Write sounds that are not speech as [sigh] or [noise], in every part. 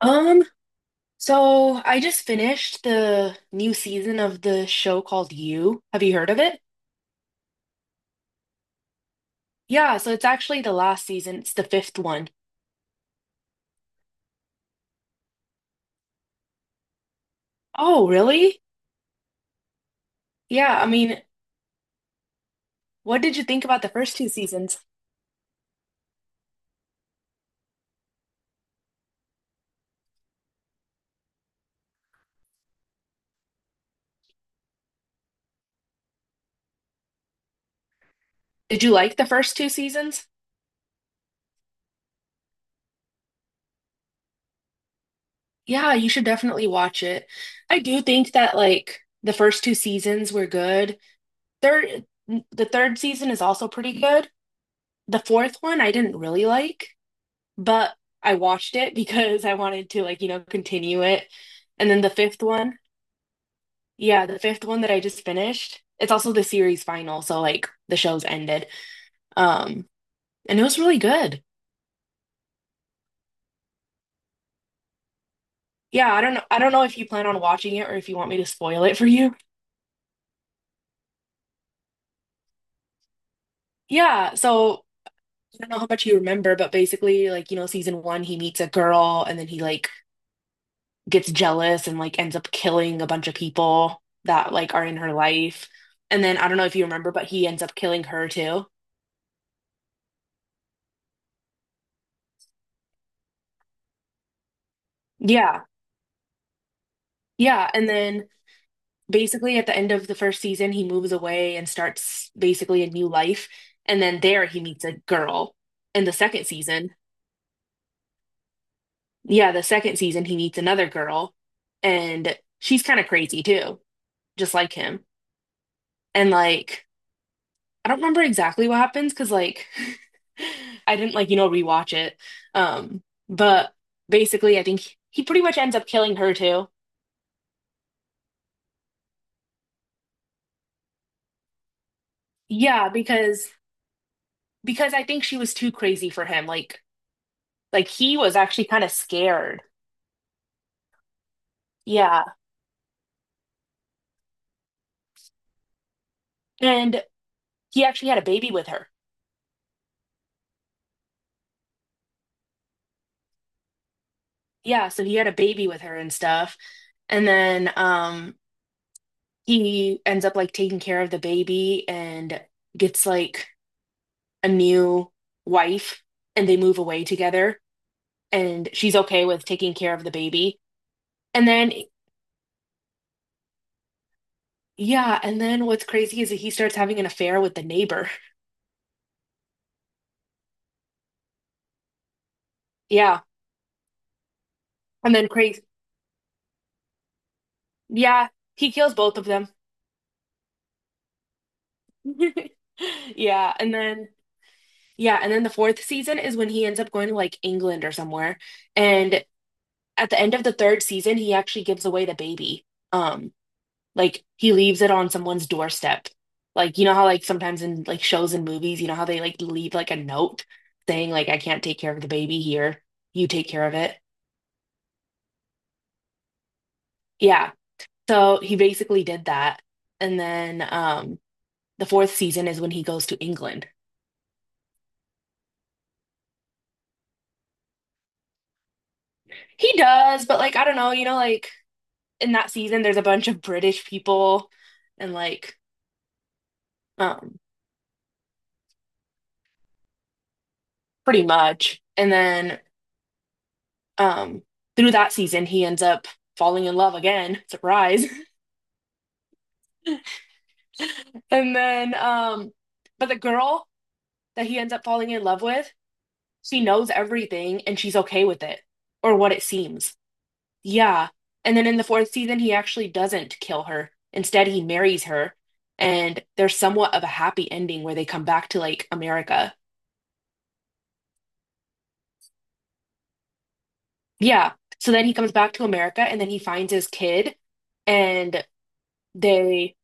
Um, so I just finished the new season of the show called You. Have you heard of it? Yeah, so it's actually the last season. It's the fifth one. Oh, really? Yeah, I mean, what did you think about the first two seasons? Did you like the first two seasons? Yeah, you should definitely watch it. I do think that like the first two seasons were good. Third, the third season is also pretty good. The fourth one I didn't really like. But I watched it because I wanted to like, continue it. And then the fifth one, yeah, the fifth one that I just finished, it's also the series final, so like the show's ended. Um, and it was really good. Yeah, I don't know if you plan on watching it or if you want me to spoil it for you. Yeah, so I don't know how much you remember, but basically like, season one, he meets a girl and then he like gets jealous and like ends up killing a bunch of people that like are in her life. And then I don't know if you remember, but he ends up killing her too. Yeah. Yeah. And then basically at the end of the first season, he moves away and starts basically a new life. And then there he meets a girl. In the second season, yeah, the second season, he meets another girl. And she's kind of crazy too, just like him. And like, I don't remember exactly what happens because like, [laughs] I didn't like, rewatch it. Um, but basically, I think he pretty much ends up killing her too. Yeah, because I think she was too crazy for him. Like he was actually kind of scared. Yeah. And he actually had a baby with her. Yeah, so he had a baby with her and stuff. And then he ends up like taking care of the baby and gets like a new wife and they move away together and she's okay with taking care of the baby. And then yeah, and then what's crazy is that he starts having an affair with the neighbor. Yeah. And then crazy. Yeah, he kills both of them. [laughs] Yeah, and then yeah, and then the fourth season is when he ends up going to like England or somewhere. And at the end of the third season, he actually gives away the baby. Um, like he leaves it on someone's doorstep. Like you know how like sometimes in like shows and movies, you know how they like leave like a note saying like I can't take care of the baby here. You take care of it. Yeah. So he basically did that. And then the fourth season is when he goes to England. He does, but like I don't know, you know like in that season there's a bunch of British people and like um pretty much. And then um through that season he ends up falling in love again. Surprise. [laughs] And then but the girl that he ends up falling in love with, she knows everything and she's okay with it or what it seems. Yeah. And then in the fourth season he actually doesn't kill her. Instead he marries her and there's somewhat of a happy ending where they come back to like America. Yeah. So then he comes back to America and then he finds his kid and they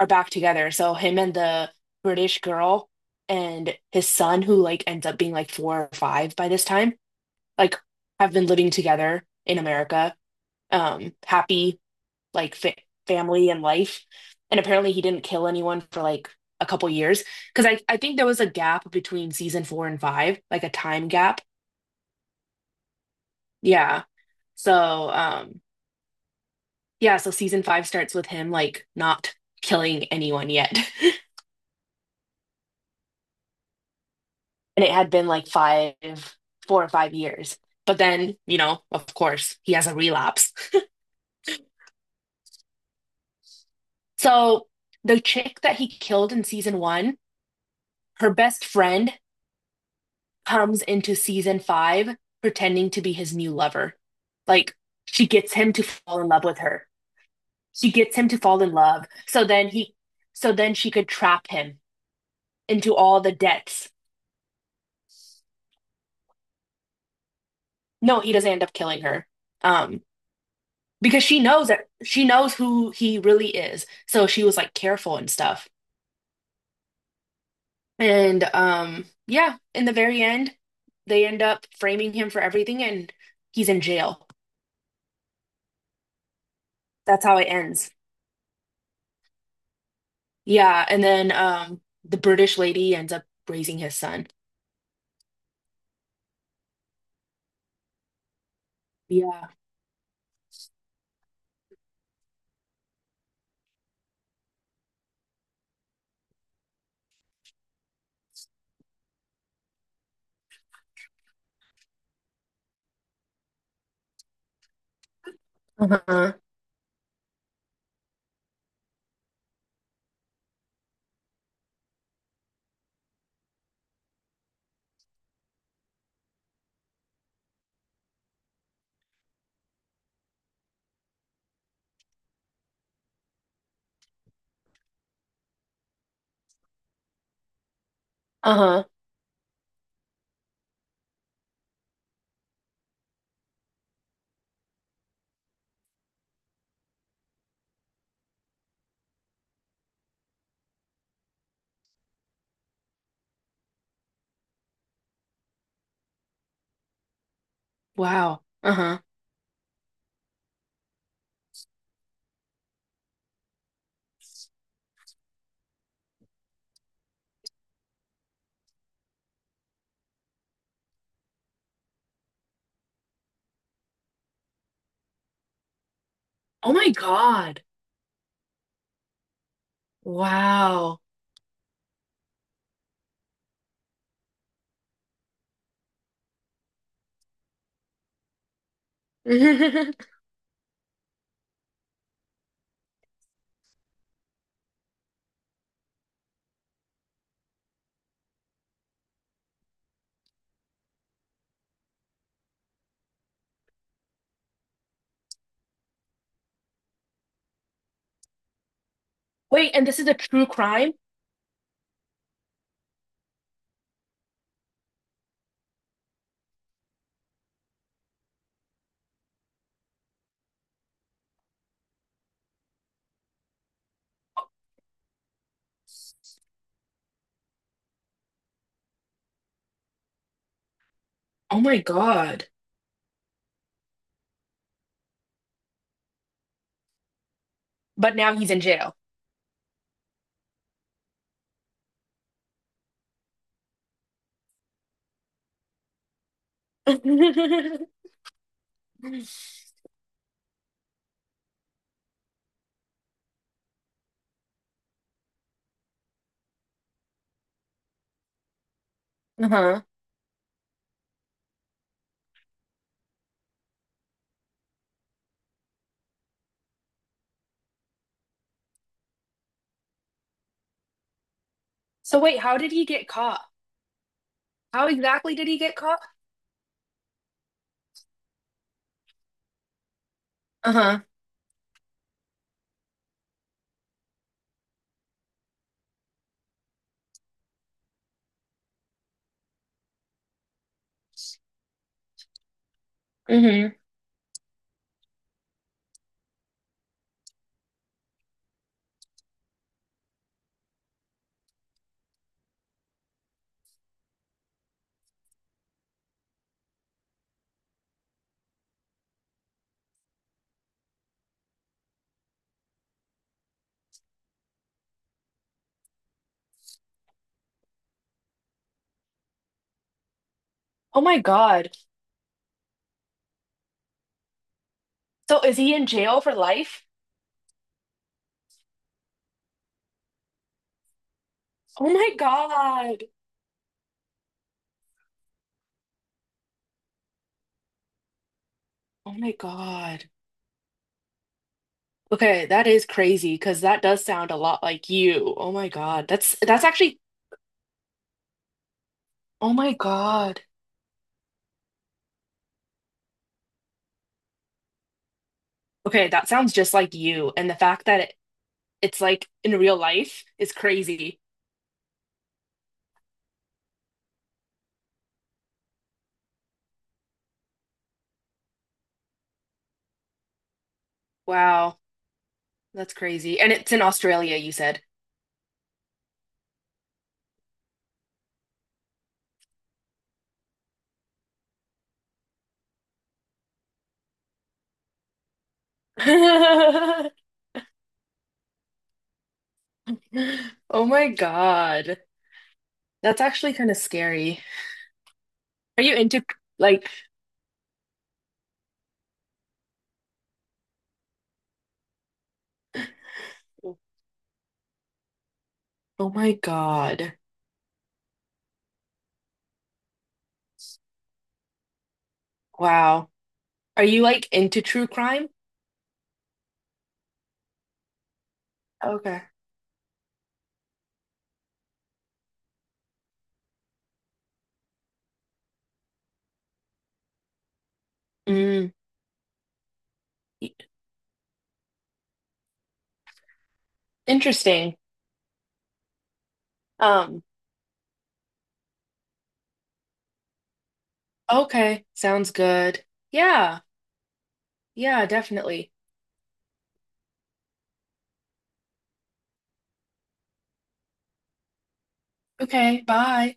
are back together. So him and the British girl and his son, who like ends up being like four or five by this time, like have been living together in America, happy like fa family and life. And apparently he didn't kill anyone for like a couple years because I think there was a gap between season four and five, like a time gap. Yeah. So, yeah, so season five starts with him like not killing anyone yet. [laughs] And it had been like 4 or 5 years. But then, you know, of course, he has a relapse. So the chick that he killed in season one, her best friend comes into season five pretending to be his new lover. Like she gets him to fall in love with her. She gets him to fall in love. So then she could trap him into all the debts. No, he doesn't end up killing her. Um, because she knows who he really is. So she was like careful and stuff. And yeah, in the very end, they end up framing him for everything and he's in jail. That's how it ends. Yeah, and then the British lady ends up raising his son. Yeah. Uh-huh. Uh-huh. Wow. Uh-huh. Oh my God. Wow. [laughs] Wait, and this is a true crime? Oh my God. But now he's in jail. [laughs] Uh-huh. So wait, how did he get caught? How exactly did he get caught? Uh-huh. Hmm. Oh my God. So is he in jail for life? Oh my God. Oh my God. Okay, that is crazy because that does sound a lot like you. Oh my God. That's actually oh my God. Okay, that sounds just like you. And the fact that it's like in real life is crazy. Wow, that's crazy. And it's in Australia, you said. [laughs] Oh my God. That's actually kind of scary. Are you into like, oh my God. Wow. Are you like into true crime? Okay. Mm, Interesting. Um, okay. Sounds good. Yeah. Yeah, definitely. Okay, bye.